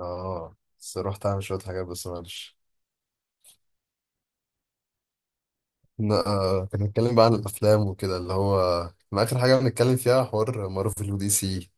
اه، بس رحت اعمل شوية حاجات بس معلش. كنا بنتكلم بقى عن الافلام وكده اللي هو ما اخر حاجة بنتكلم فيها حوار مارفل ودي سي،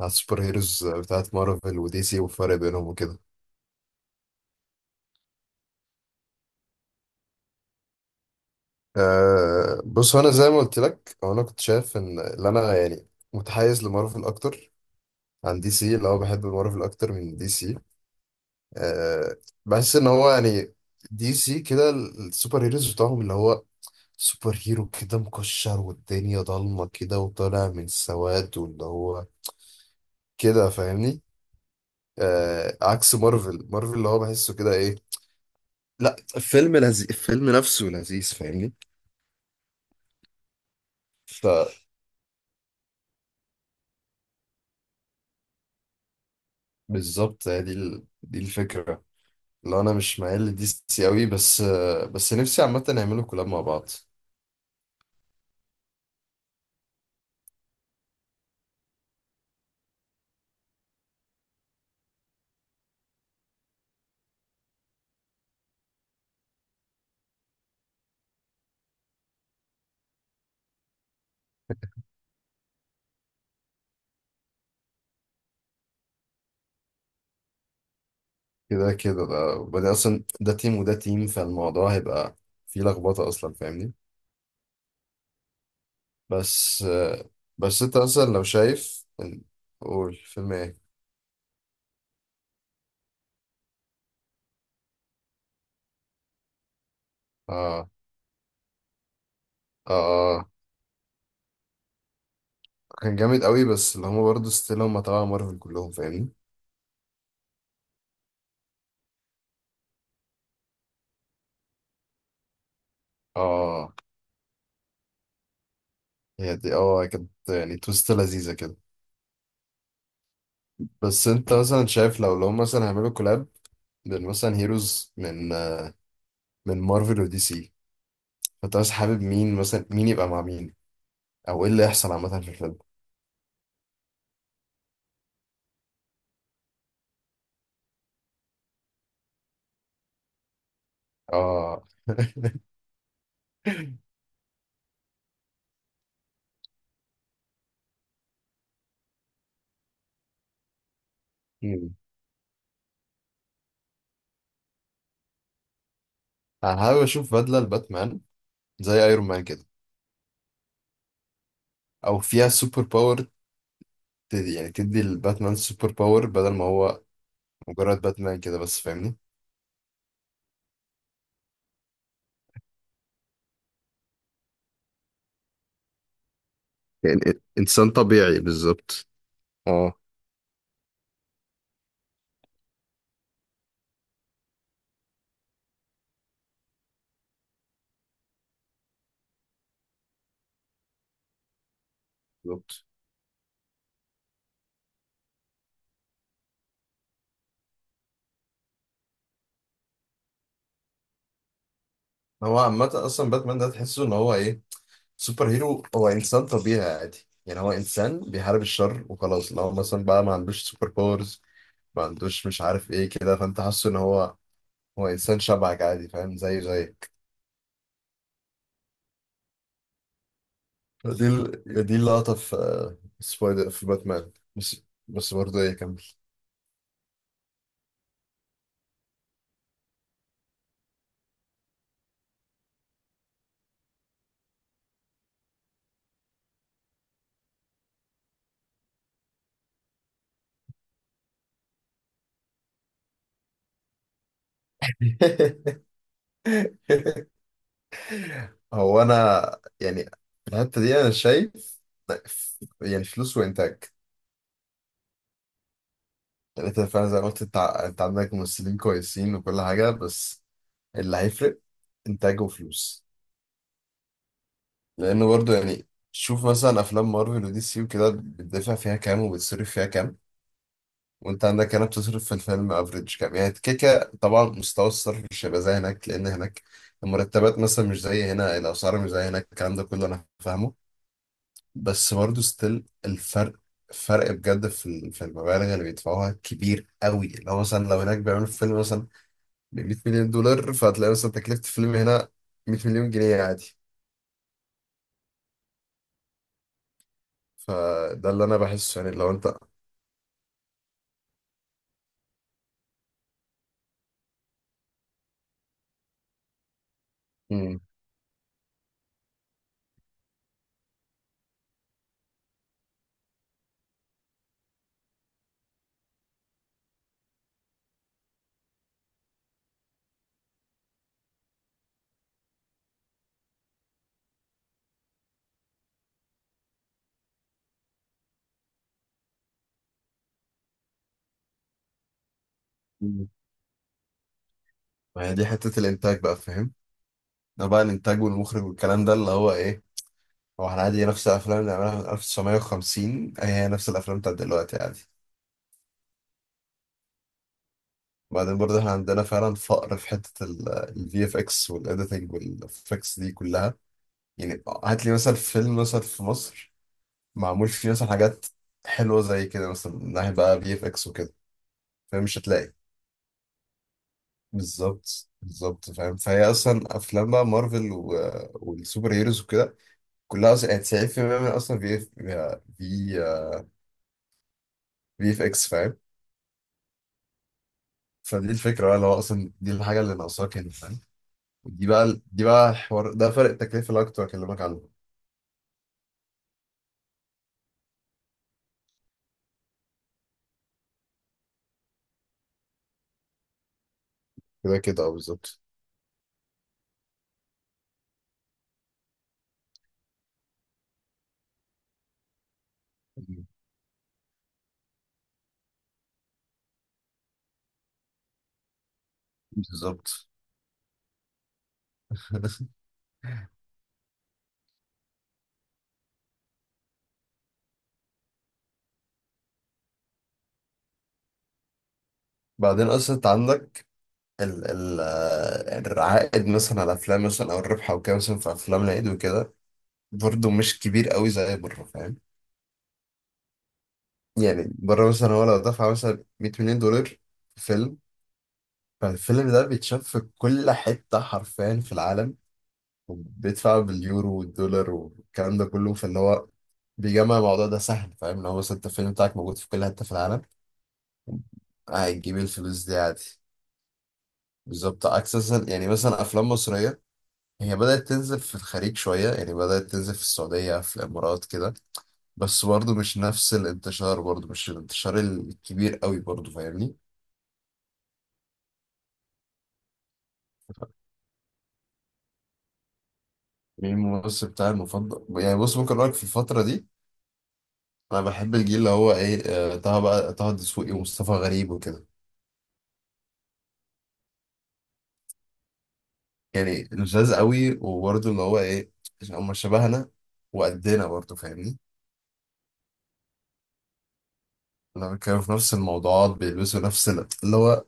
على السوبر هيروز بتاعت مارفل ودي سي والفرق بينهم وكده. بص، هو انا زي ما قلت لك هو انا كنت شايف ان اللي انا يعني متحيز لمارفل اكتر عن دي سي، اللي هو بحب مارفل اكتر من دي سي. أه. بحس ان هو يعني دي سي كده السوبر هيروز بتاعهم، اللي هو سوبر هيرو كده مكشر والدنيا ضلمة كده وطالع من السواد، واللي هو كده فاهمني. آه، عكس مارفل، مارفل اللي هو بحسه كده ايه، لا الفيلم لذيذ، الفيلم نفسه لذيذ فاهمني. فبالظبط. دي الفكرة. لو انا مش مايل لدي سي قوي، بس بس نفسي عامة يعملوا كولاب مع بعض. كده كده، ده وبعدين اصلا ده تيم وده تيم، فالموضوع هيبقى فيه لخبطة اصلا فاهمني. بس بس انت مثلا لو شايف قول فيلم ايه. اه. اه، آه. كان جامد قوي، بس اللي هما برضه ستيل هما تبع مارفل كلهم فاهمني. اه. هي دي كانت يعني تويست لذيذة كده. بس انت مثلا شايف لو هما مثلا هيعملوا كولاب بين مثلا هيروز من مارفل ودي سي. فانت مثلا حابب مين، مثلا مين يبقى مع مين، او ايه اللي يحصل عامة في الفيلم. اه مم. انا حابب اشوف بدلة لباتمان زي ايرون مان كده، او فيها سوبر باور. يعني تدي الباتمان سوبر باور بدل ما هو مجرد باتمان كده بس فاهمني. يعني انسان طبيعي بالظبط. اه بالظبط. هو عامة أصلا باتمان ده تحسه إن هو إيه، سوبر هيرو. هو إنسان طبيعي عادي، يعني هو إنسان بيحارب الشر وخلاص. لو مثلا بقى ما عندوش سوبر باورز، ما عندوش مش عارف إيه كده، فأنت حاسه إن هو هو إنسان شبهك عادي فاهم زي زيك. دي اللقطة في سبايدر في باتمان، بس. بس برضه إيه، كمل. هو انا يعني في الحته دي انا شايف، يعني فلوس وانتاج. يعني انت فعلا زي ما قلت، انت انت عندك ممثلين كويسين وكل حاجه، بس اللي هيفرق انتاج وفلوس. لانه برضو يعني شوف مثلا افلام مارفل ودي سي وكده بتدفع فيها كام وبتصرف فيها كام، وانت عندك هنا بتصرف في الفيلم افريج كام يعني كيكه. طبعا مستوى الصرف مش هيبقى زي هناك، لان هناك المرتبات مثلا مش زي هنا، الاسعار مش زي هناك، الكلام ده كله انا فاهمه. بس برضه ستيل الفرق، فرق بجد في في المبالغ اللي بيدفعوها كبير قوي. اللي هو مثلا لو هناك بيعملوا فيلم مثلا ب 100 مليون دولار، فهتلاقي مثلا تكلفة الفيلم هنا 100 مليون جنيه عادي. فده اللي انا بحسه، يعني لو انت. مم. مم. ما هي دي حتة الانتاج بقى فاهم. ده بقى الانتاج والمخرج والكلام ده اللي هو ايه. هو احنا عادي نفس الافلام اللي عملها من 1950 هي نفس الافلام بتاعت دلوقتي عادي. وبعدين برضه احنا عندنا فعلا فقر في حتة الفي اف اكس والاديتنج والافكس دي كلها. يعني هات لي مثلا فيلم مثلا في مصر معمول فيه مثلا حاجات حلوة زي كده، مثلا من ناحية بقى بي اف اكس وكده، فمش هتلاقي. بالظبط بالظبط فاهم. فهي اصلا افلام بقى مارفل والسوبر هيروز وكده كلها اصلا يعني 90% منها اصلا بي اف اكس فاهم. فدي الفكرة بقى، اللي هو اصلا دي الحاجة اللي ناقصاك هنا فاهم. دي بقى الحوار ده فرق التكلفة اللي أنا كنت بكلمك عنه. كده كده، اه بالظبط. بالظبط بعدين اصلا انت عندك ال ال آه، العائد مثلا على افلام مثلا او الربح او كده، مثلا في افلام العيد وكده برضه مش كبير قوي زي بره فاهم. يعني بره مثلا هو لو دفع مثلا 100 مليون دولار في فيلم، فالفيلم ده بيتشاف في كل حته حرفيا في العالم، بيدفع باليورو والدولار والكلام ده كله. فاللي هو بيجمع الموضوع ده سهل فاهم. لو مثلا انت الفيلم بتاعك موجود في كل حته في العالم، هتجيب الفلوس دي عادي. بالظبط، عكس مثلا يعني مثلا افلام مصريه هي بدأت تنزل في الخليج شوية، يعني بدأت تنزل في السعودية في الإمارات كده، بس برضه مش نفس الانتشار، برضه مش الانتشار الكبير قوي برضه فاهمني. مين الممثل بتاعي المفضل؟ يعني بص ممكن أقولك، في الفترة دي أنا بحب الجيل اللي هو إيه، طه بقى طه الدسوقي ومصطفى غريب وكده. يعني لذاذ قوي، وبرضه اللي هو إيه، هما شبهنا وقدنا برضه فاهمني. لما كانوا في نفس الموضوعات بيلبسوا نفس اللي هو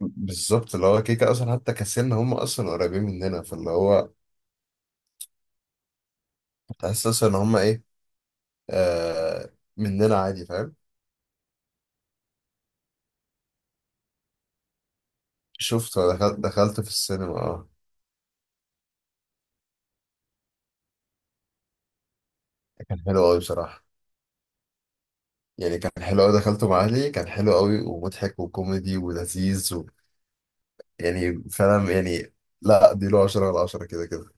بالظبط، اللي هو كيكة أصلا حتى، كسلنا هم أصلا قريبين مننا. فاللي هو تحسس ان هما ايه، آه، مننا عادي فاهم. شفت، دخلت في السينما اه. كان حلو قوي بصراحه. يعني كان حلو قوي، دخلته مع اهلي، كان حلو قوي ومضحك وكوميدي ولذيذ يعني فعلا يعني. لا دي له 10 على 10 كده كده.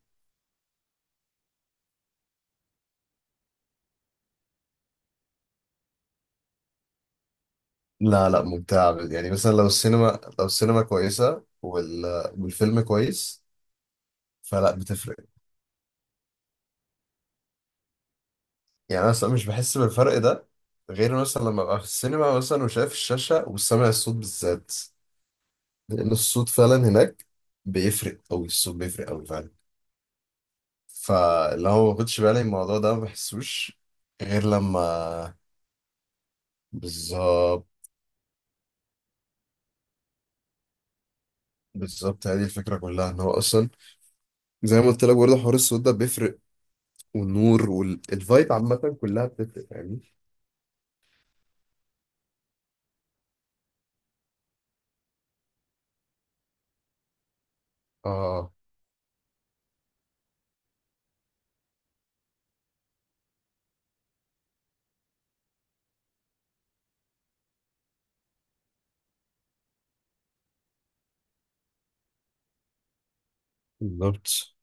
لا لا ممتع. يعني مثلا لو السينما كويسه والفيلم كويس، فلا بتفرق. يعني انا أصلاً مش بحس بالفرق ده، غير مثلا لما ابقى في السينما مثلا وشايف الشاشه وسامع الصوت بالذات، لان الصوت فعلا هناك بيفرق قوي. الصوت بيفرق قوي فعلا. فاللي هو ما باخدش بالي من الموضوع ده ما بحسوش، غير لما. بالظبط بالظبط. هذه الفكره كلها ان هو اصلا زي ما قلت لك برضه حوار الصوت ده بيفرق، والنور والفايب عامه كلها بتفرق يعني. اه بالظبط.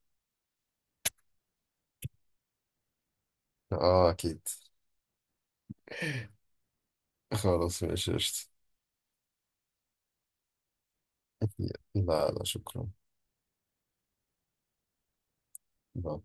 اه اكيد. خلاص ماشي قشطة. لا لا شكرا. باي.